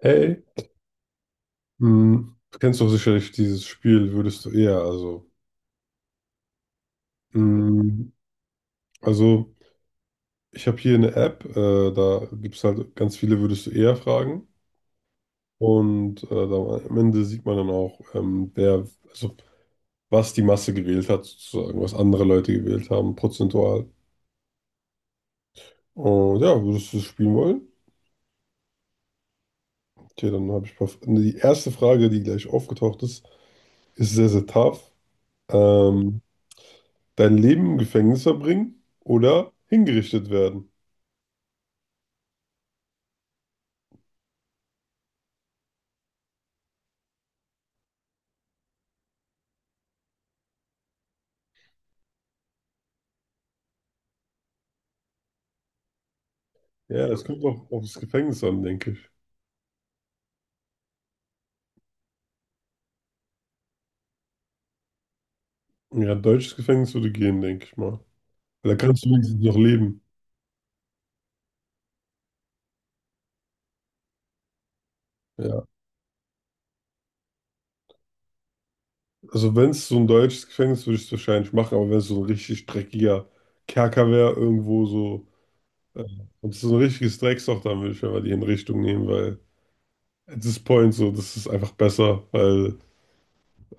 Hey, du kennst doch sicherlich dieses Spiel, würdest du eher, hm, also ich habe hier eine App, da gibt es halt ganz viele würdest du eher Fragen und am Ende sieht man dann auch, wer, also was die Masse gewählt hat, sozusagen, was andere Leute gewählt haben, prozentual. Und ja, würdest du das spielen wollen? Okay, dann habe ich ein paar, die erste Frage, die gleich aufgetaucht ist, ist sehr, sehr tough. Ähm, dein Leben im Gefängnis verbringen oder hingerichtet werden? Ja, es kommt auch auf das Gefängnis an, denke ich. Ja, deutsches Gefängnis würde gehen, denke ich mal. Weil da kannst du wenigstens noch leben. Ja. Also wenn es so ein deutsches Gefängnis ist, würde ich es wahrscheinlich machen, aber wenn es so ein richtig dreckiger Kerker wäre, irgendwo so, äh, und es ist so ein richtiges Drecksloch, dann würde ich einfach die Hinrichtung nehmen, weil at this point so, das ist einfach besser, weil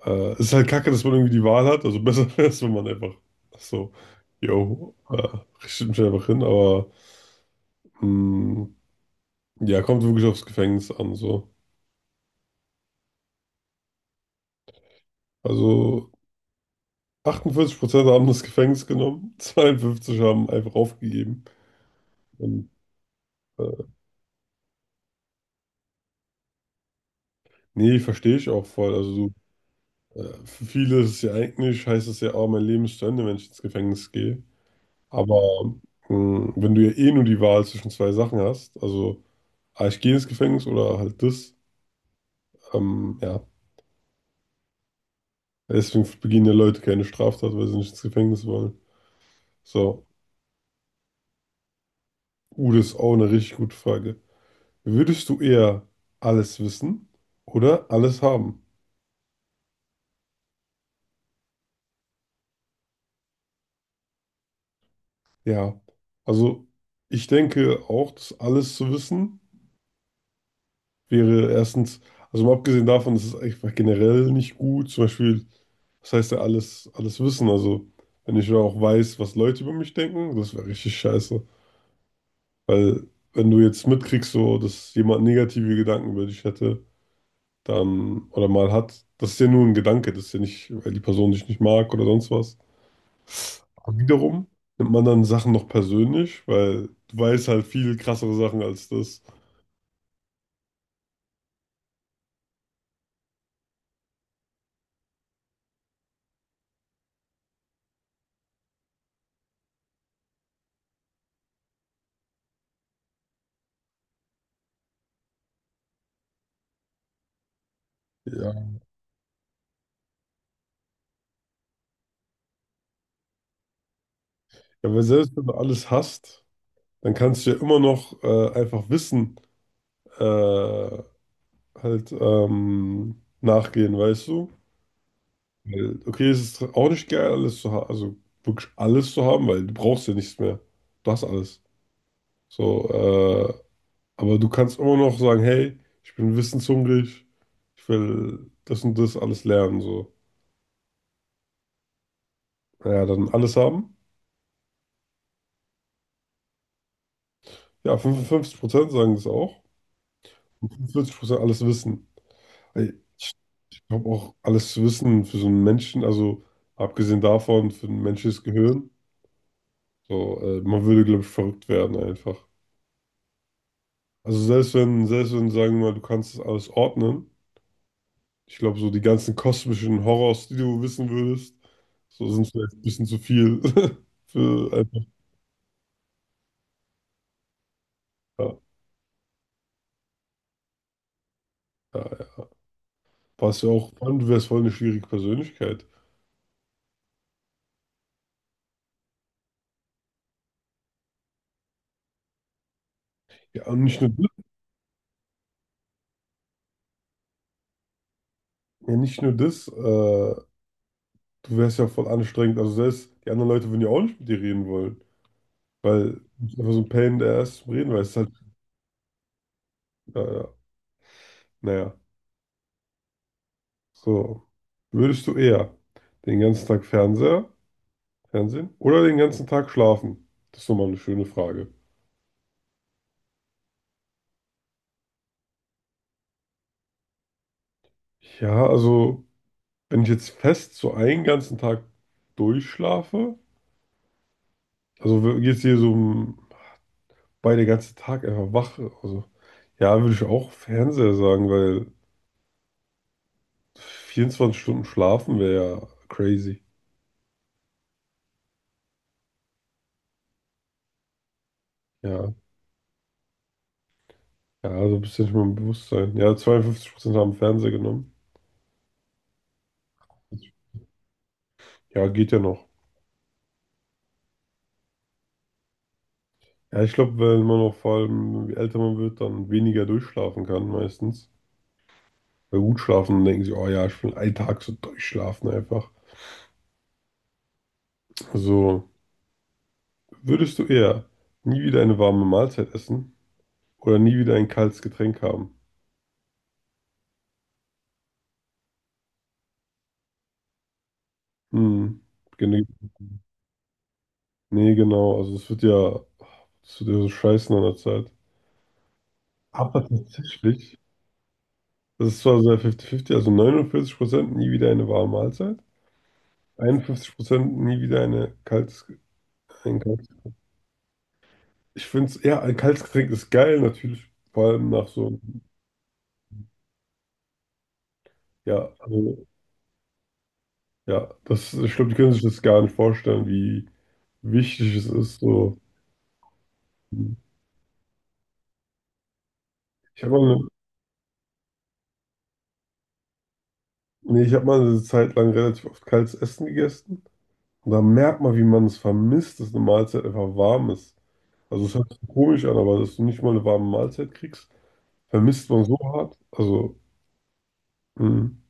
es ist halt kacke, dass man irgendwie die Wahl hat. Also besser wäre es, wenn man einfach so, yo, äh, richtet mich einfach hin, aber mh, ja, kommt wirklich aufs Gefängnis an, so. Also 48% haben das Gefängnis genommen, 52 haben einfach aufgegeben. Und, äh, nee, verstehe ich auch voll. Also du, für viele ist es ja eigentlich, heißt es ja, oh, mein Leben ist zu Ende, wenn ich ins Gefängnis gehe. Aber wenn du ja eh nur die Wahl zwischen zwei Sachen hast, also ah, ich gehe ins Gefängnis oder halt das, ja. Deswegen begehen ja Leute keine Straftat, weil sie nicht ins Gefängnis wollen. So, das ist auch eine richtig gute Frage. Würdest du eher alles wissen oder alles haben? Ja, also ich denke auch, dass alles zu wissen wäre erstens, also mal abgesehen davon, das ist einfach generell nicht gut, zum Beispiel, was heißt ja alles, alles wissen, also wenn ich ja auch weiß, was Leute über mich denken, das wäre richtig scheiße, weil wenn du jetzt mitkriegst, so, dass jemand negative Gedanken über dich hätte, dann, oder mal hat, das ist ja nur ein Gedanke, das ist ja nicht, weil die Person dich nicht mag oder sonst was. Aber wiederum nimmt man dann Sachen noch persönlich, weil du weißt halt viel krassere Sachen als das. Ja. Ja, weil selbst wenn du alles hast, dann kannst du ja immer noch einfach Wissen äh, nachgehen, weißt du? Weil, okay, es ist auch nicht geil, alles zu haben, also wirklich alles zu haben, weil du brauchst ja nichts mehr. Du hast alles. So, aber du kannst immer noch sagen, hey, ich bin wissenshungrig, ich will das und das alles lernen, so. Ja, dann alles haben. Ja, 55% sagen das auch. Und 45% alles wissen. Ich glaube auch, alles zu wissen für so einen Menschen, also abgesehen davon, für ein menschliches Gehirn, so, man würde, glaube ich, verrückt werden einfach. Also selbst wenn, sagen wir mal, du kannst das alles ordnen, ich glaube, so die ganzen kosmischen Horrors, die du wissen würdest, so sind vielleicht ein bisschen zu viel für einfach, ja, ja, ja. Was ja auch, vor allem, du wärst voll eine schwierige Persönlichkeit. Ja, und nicht nur das, ja, nicht nur das, äh, Du wärst ja voll anstrengend. Also selbst die anderen Leute würden ja auch nicht mit dir reden wollen. Weil du bist einfach so ein Pain in the ass zum Reden, weil es ist halt, ja, ja, naja. So. Würdest du eher den ganzen Tag Fernsehen oder den ganzen Tag schlafen? Das ist nochmal eine schöne Frage. Ja, also, wenn ich jetzt fest so einen ganzen Tag durchschlafe, also geht es hier so um bei der ganzen Tag einfach wach, also ja, würde ich auch Fernseher sagen, weil 24 Stunden schlafen wäre ja crazy. Ja, Ja, so ein bisschen nicht mal im Bewusstsein. Ja, 52% haben Fernseher genommen. Ja, geht ja noch. Ja, ich glaube, wenn man auch vor allem, je älter man wird, dann weniger durchschlafen kann meistens. Weil gut schlafen, dann denken sie, oh ja, ich will einen Tag so durchschlafen einfach. Also, würdest du eher nie wieder eine warme Mahlzeit essen oder nie wieder ein kaltes Getränk haben? Hm, gene- nee, genau. Also, es wird ja so scheißen an der Zeit. Aber tatsächlich, das ist zwar sehr 50-50, also 49% nie wieder eine warme Mahlzeit. 51% nie wieder eine Kalt's, ein Kalt's. Ich finde es, ja, ein kaltes Getränk ist geil, natürlich, vor allem nach so, ja, also, ja, das, ich glaube, die können sich das gar nicht vorstellen, wie wichtig es ist, so. Ich habe mal, eine- nee, ich habe mal eine Zeit lang relativ oft kaltes Essen gegessen und da merkt man, wie man es vermisst, dass eine Mahlzeit einfach warm ist. Also, es hört sich komisch an, aber dass du nicht mal eine warme Mahlzeit kriegst, vermisst man so hart. Also, mh,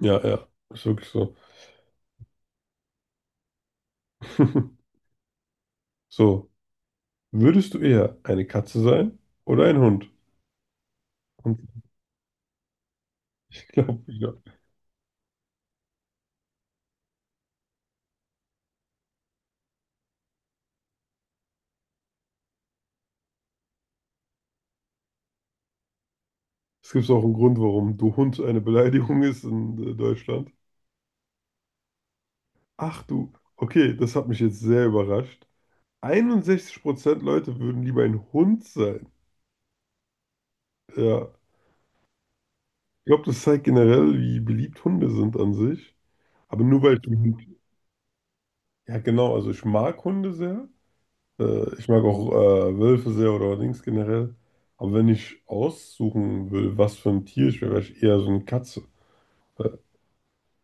ja, ja, ist wirklich so. So. Würdest du eher eine Katze sein oder ein Hund? Und ich glaube, ja. Es gibt auch einen Grund, warum du Hund eine Beleidigung ist in Deutschland. Ach du, okay, das hat mich jetzt sehr überrascht. 61% Leute würden lieber ein Hund sein. Ja, ich glaube, das zeigt generell, wie beliebt Hunde sind an sich. Aber nur weil ich, ja genau, also ich mag Hunde sehr. Ich mag auch Wölfe sehr oder Dings generell. Aber wenn ich aussuchen will, was für ein Tier ich wäre, wäre ich eher so eine Katze.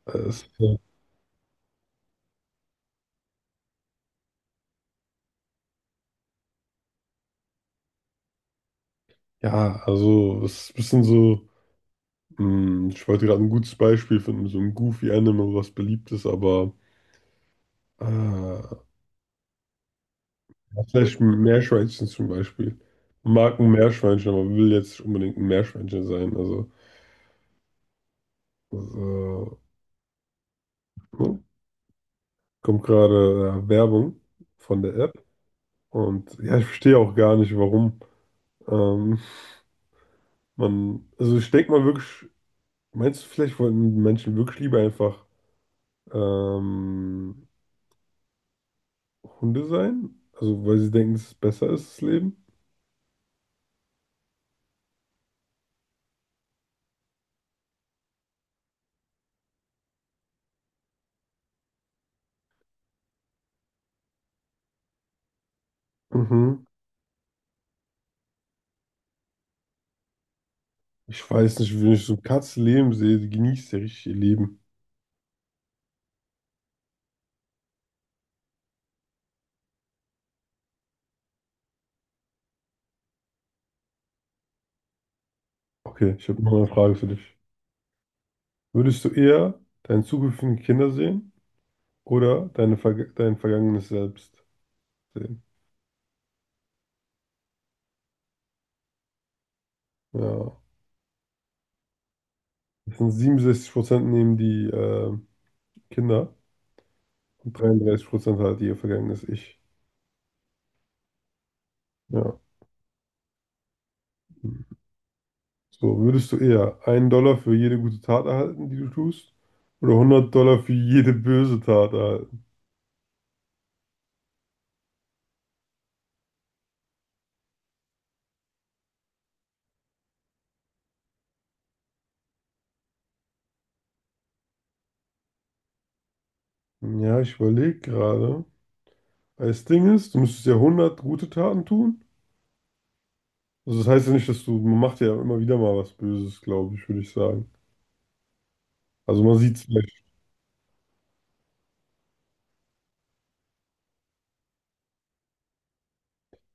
Es, äh, ja, also es ist ein bisschen so, ich wollte gerade ein gutes Beispiel finden, so ein Goofy-Anime, was beliebt ist, aber ja, vielleicht ein Meerschweinchen zum Beispiel. Man mag ein Meerschweinchen, aber will jetzt nicht unbedingt ein Meerschweinchen sein. Also das, äh, ne? Kommt gerade Werbung von der App und ja, ich verstehe auch gar nicht, warum ähm, man, also ich denke mal wirklich, meinst du, vielleicht wollten Menschen wirklich lieber einfach ähm, Hunde sein? Also, weil sie denken, dass es besser ist, das Leben? Mhm. Ich weiß nicht, wenn ich so eine Katze leben sehe, die genießt ja richtig ihr Leben. Okay, ich habe noch eine Frage für dich. Würdest du eher deine zukünftigen Kinder sehen oder deine dein vergangenes Selbst sehen? Ja. Das sind 67% nehmen die Kinder und 33% halt ihr vergangenes Ich. Ja. So, würdest du eher einen Dollar für jede gute Tat erhalten, die du tust, oder hundert Dollar für jede böse Tat erhalten? Ja, ich überlege gerade. Das Ding ist, du müsstest ja hundert gute Taten tun. Also das heißt ja nicht, dass du, man macht ja immer wieder mal was Böses, glaube ich, würde ich sagen. Also man sieht es vielleicht.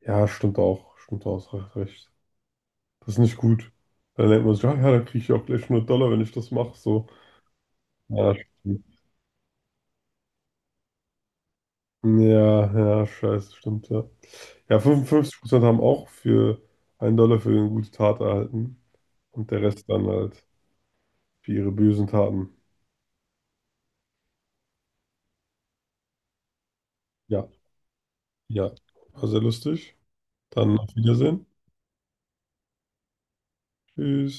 Ja, stimmt auch. Stimmt auch, hast recht. Das ist nicht gut. Dann denkt man sich, ah, ja, da kriege ich auch gleich 100 Dollar, wenn ich das mache. So. Ja, stimmt. Ja, ja, scheiße, stimmt, ja. Ja, 55% haben auch für einen Dollar für eine gute Tat erhalten. Und der Rest dann halt für ihre bösen Taten. Ja, ja. War sehr lustig. Dann auf Wiedersehen. Tschüss.